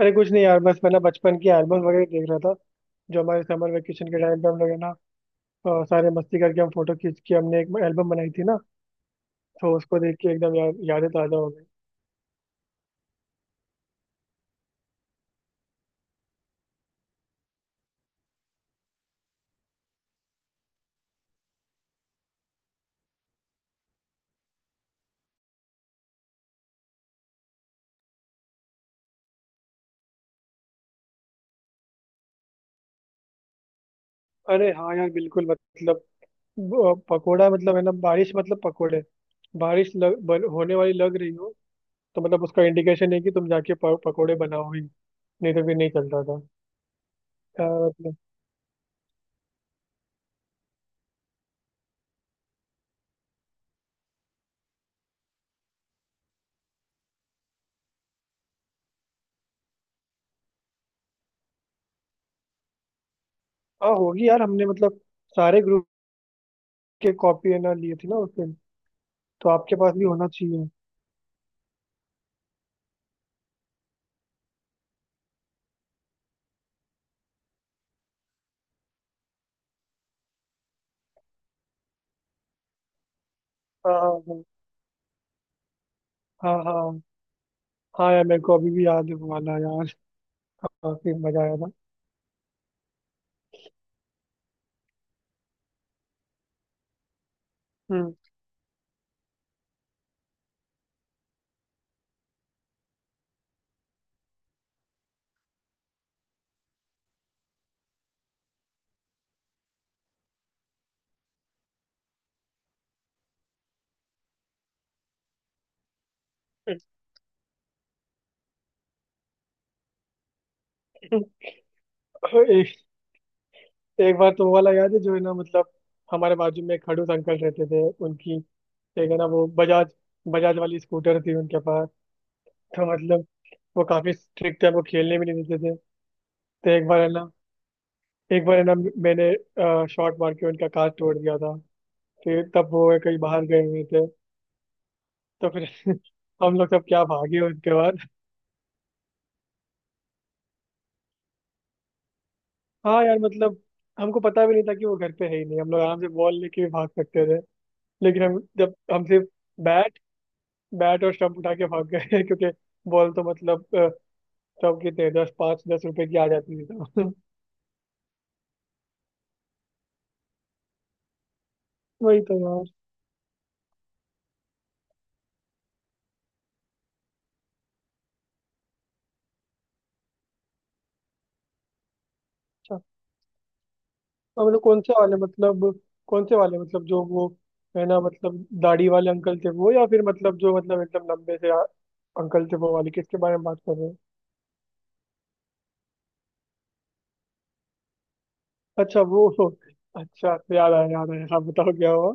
अरे कुछ नहीं यार, बस मैं ना बचपन की एल्बम वगैरह देख रहा था। जो हमारे समर वेकेशन के टाइम पे हम लोग है ना, सारे मस्ती करके हम फोटो खींच के हमने एक एल्बम बनाई थी ना। तो उसको देख के एकदम यार यादें ताजा हो गई। अरे हाँ यार, बिल्कुल मतलब, पकोड़ा मतलब है ना, बारिश मतलब पकोड़े। बारिश होने वाली लग रही हो, तो मतलब उसका इंडिकेशन है कि तुम जाके पकोड़े बनाओ ही, नहीं तो फिर नहीं चलता था। यार मतलब। हाँ होगी यार, हमने मतलब सारे ग्रुप के कॉपी है ना लिए थी ना उस दिन, तो आपके पास भी होना चाहिए। हाँ हाँ हाँ। हाँ हाँ। हाँ यार, मेरे को अभी भी याद है वो वाला यार। काफी मजा आया था। हम्म। एक, एक बार तो वो वाला याद है, जो है ना मतलब हमारे बाजू में एक खड़ूस अंकल रहते थे, उनकी एक है ना वो बजाज, बजाज वाली स्कूटर थी उनके पास। तो मतलब वो काफी स्ट्रिक्ट है, वो खेलने भी नहीं देते थे। तो एक बार है ना, एक बार है ना मैंने शॉट मार के उनका कांच तोड़ दिया था। फिर तब वो कहीं बाहर गए हुए थे। तो फिर हम लोग सब क्या भागे उनके। हाँ यार मतलब हमको पता भी नहीं था कि वो घर पे है ही नहीं, हम लोग आराम से बॉल लेके भी भाग सकते थे। लेकिन हम, जब हम सिर्फ बैट बैट और स्टंप उठा के भाग गए क्योंकि बॉल तो मतलब तब कितने दस, पाँच दस रुपए की आ जाती थी तो। वही तो यार। अच्छा, और मतलब कौन से वाले मतलब, कौन से वाले मतलब जो वो है ना मतलब दाढ़ी वाले अंकल थे वो, या फिर मतलब जो मतलब एकदम लंबे से अंकल थे वो वाले, किसके बारे में बात कर रहे हैं? अच्छा वो, अच्छा याद आया याद आया, हाँ बताओ क्या हुआ।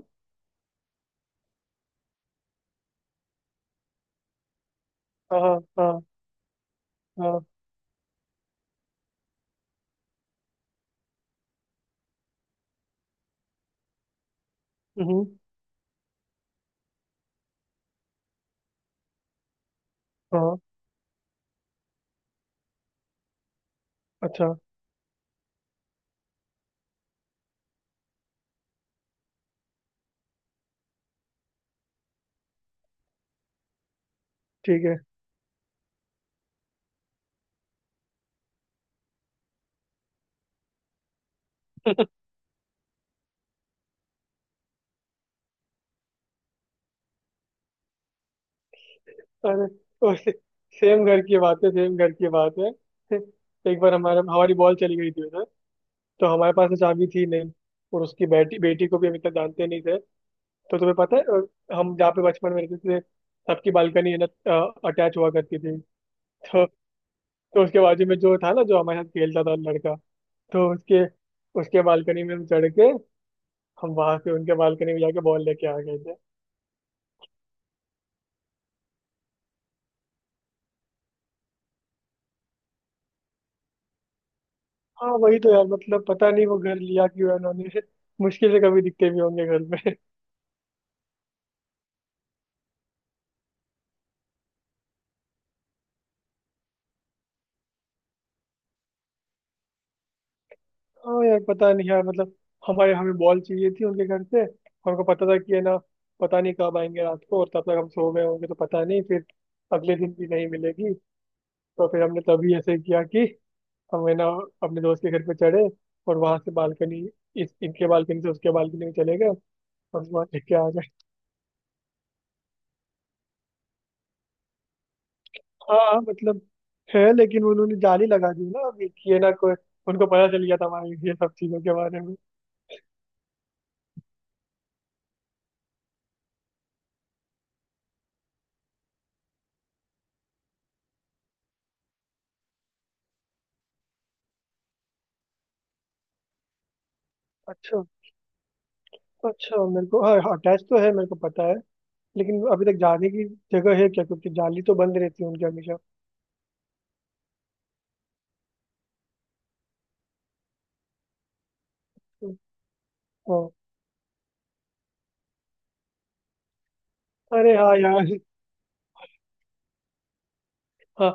हाँ हाँ हाँ हाँ। हम्म। हाँ। अच्छा। ठीक है। अरे वो से, सेम घर की बात है, सेम घर की बात है। एक बार हमारे, हमारी बॉल चली गई थी उधर। तो हमारे पास तो चाबी थी नहीं, और उसकी बेटी बेटी को भी हम इतना जानते नहीं थे। तो तुम्हें पता है, हम जहाँ पे बचपन में रहते थे, सबकी बालकनी है ना अटैच हुआ करती थी। तो तो उसके बाजू में जो था ना, जो हमारे साथ खेलता था लड़का, तो उसके, उसके बालकनी में हम चढ़ के हम वहां से उनके बालकनी में जाके बॉल लेके आ गए। हाँ वही तो यार, मतलब पता नहीं वो घर लिया क्यों है उन्होंने। मुश्किल से कभी दिखते भी होंगे घर में। हाँ यार, पता नहीं यार मतलब, हमारे, हमें बॉल चाहिए थी उनके घर से। हमको पता था कि है ना पता नहीं कब आएंगे रात को, और तब तक हम सो गए होंगे, तो पता नहीं फिर अगले दिन भी नहीं मिलेगी। तो फिर हमने तभी ऐसे किया कि हम है ना अपने दोस्त के घर पे चढ़े, और वहां से बालकनी, इस इनके बालकनी से उसके बालकनी में चले गए और वहाँ देख के आ। हाँ हाँ, मतलब है, लेकिन उन्होंने जाली लगा दी ना अभी कि ये ना कोई। उनको पता चल गया था हमारे ये सब चीजों के बारे में। अच्छा, अच्छा मेरे को हाँ हाँ, अटैच तो है मेरे को पता है, लेकिन अभी तक जाने की जगह है क्या, क्योंकि जाली तो बंद रहती है उनकी हमेशा। हाँ। अरे हाँ यार। हाँ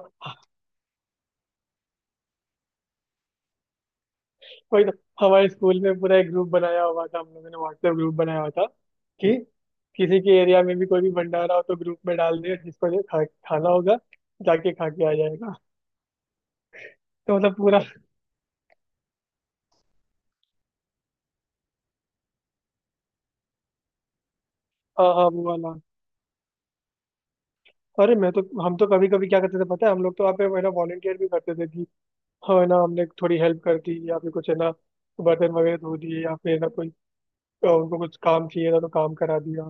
वही तो, हमारे स्कूल में पूरा एक ग्रुप बनाया हुआ था, हम लोगों ने व्हाट्सएप ग्रुप बनाया हुआ था कि किसी के एरिया में भी कोई भी भंडारा हो तो ग्रुप में डाल दे, जिसको खाना होगा जाके खा के आ जाएगा। तो मतलब पूरा। हाँ हाँ, वो वाला। अरे मैं तो, हम तो कभी कभी क्या करते थे पता है, हम लोग तो आप है ना वॉलंटियर भी करते थे कि हाँ है ना हमने थोड़ी हेल्प कर दी, या फिर कुछ है ना बर्तन वगैरह धो दिए, या फिर है ना कोई उनको कुछ काम चाहिए था तो काम करा दिया।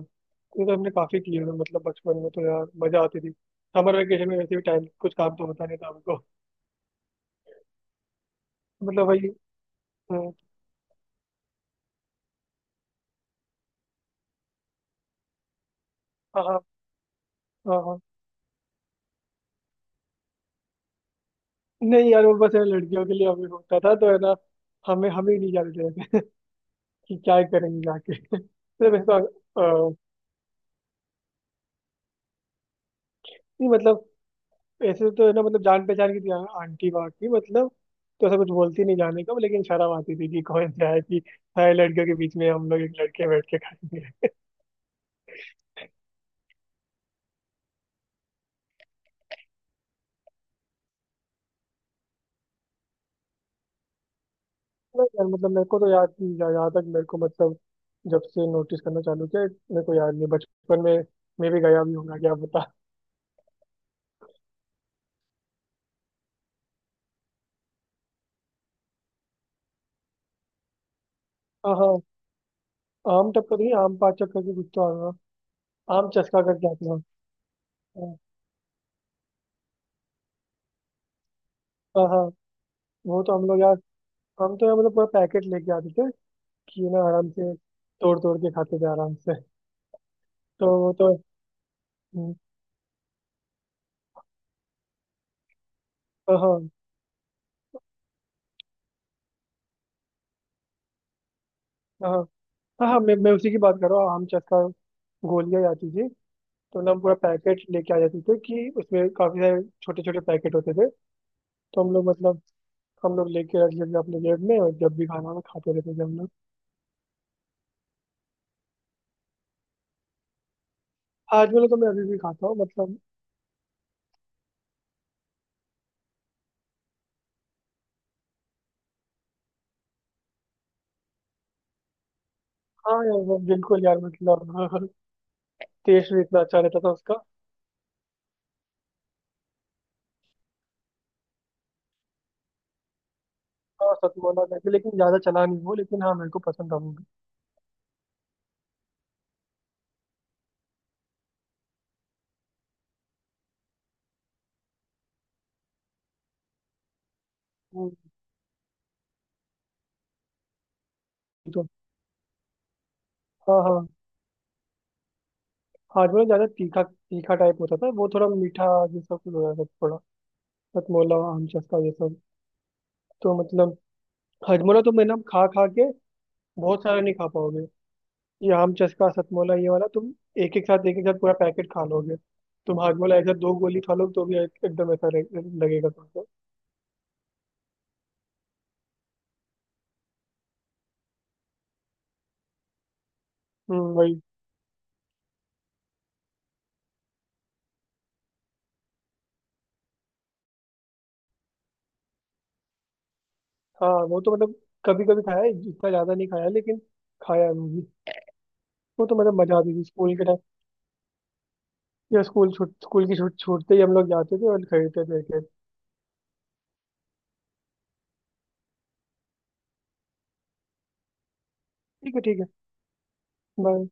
ये तो हमने काफी किए हुए हैं, मतलब बचपन में तो यार मजा आती थी। समर वेकेशन में वैसे भी टाइम, कुछ काम तो होता नहीं था हमको। मतलब वही अ, हाँ हाँ। हाँ हाँ। नहीं यार वो बस है ना, लड़कियों के लिए हमें होता था तो है ना, हमें हमें ही नहीं जाने देते थे। कि क्या करेंगे जाके। तो वैसा नहीं मतलब ऐसे तो है ना मतलब जान पहचान की थी आंटी बाकी मतलब, तो ऐसा कुछ बोलती नहीं जाने का, लेकिन शर्म आती थी कि कौन सा है कि सारे लड़कियों के बीच में हम लोग एक लड़के बैठ के खाएंगे। नहीं यार मतलब मेरे को तो याद नहीं, जहाँ जहाँ तक मेरे को मतलब जब से नोटिस करना चालू किया मेरे को याद नहीं, बचपन में मैं भी गया भी हूँ ना, क्या पता। हाँ हाँ। आम टपका तो नहीं, आम पाचक करके कुछ तो आ रहा, आम चस्का करके आते हैं। हाँ हाँ हाँ, वो तो हम लोग यार, हम तो यार मतलब पूरा पैकेट लेके आते थे कि ना आराम से तोड़ तोड़ के खाते थे आराम से। तो वो तो। हाँ हाँ। हाँ हाँ हाँ, मैं उसी की बात कर रहा हूँ, आम चक्का, गोलियाँ आती थी। तो ना हम पूरा पैकेट लेके आ जाते थे, कि उसमें काफी सारे छोटे छोटे पैकेट होते थे। तो हम लोग मतलब हम लोग लेके रख लेते अपने जेब में, और जब भी खाना हो खाते रहते थे हम लोग। आज वाला तो मैं अभी भी खाता हूँ, मतलब। हाँ यार वो बिल्कुल यार मतलब टेस्ट भी इतना अच्छा रहता था उसका। हाँ सतमोला करके, लेकिन ज्यादा चला नहीं वो, लेकिन हाँ मेरे को पसंद था वो भी। हम्म, तो हाँ हाँ, हाजमा ज्यादा तीखा तीखा टाइप होता था, वो थोड़ा मीठा जैसा कुछ हो जाता था। हथमोला, आम चस्का, ये सब, तो मतलब हथमोला तुम है ना खा खा के बहुत सारा नहीं खा पाओगे। ये आम चस्का, सतमोला, ये वाला तुम एक एक साथ, एक एक साथ पूरा पैकेट खा लोगे। तुम हाजमोला ऐसा दो गोली खा लोगे तो भी एकदम ऐसा लगेगा तुमको। वही। हाँ वो तो मतलब कभी कभी खाया है, इतना ज्यादा नहीं खाया लेकिन, खाया है वो भी। वो तो मतलब मजा आती थी स्कूल के टाइम, या स्कूल छूट, स्कूल की छूट छूटते ही हम लोग जाते थे और खरीदते थे एक एक। ठीक है ठीक है। बाय।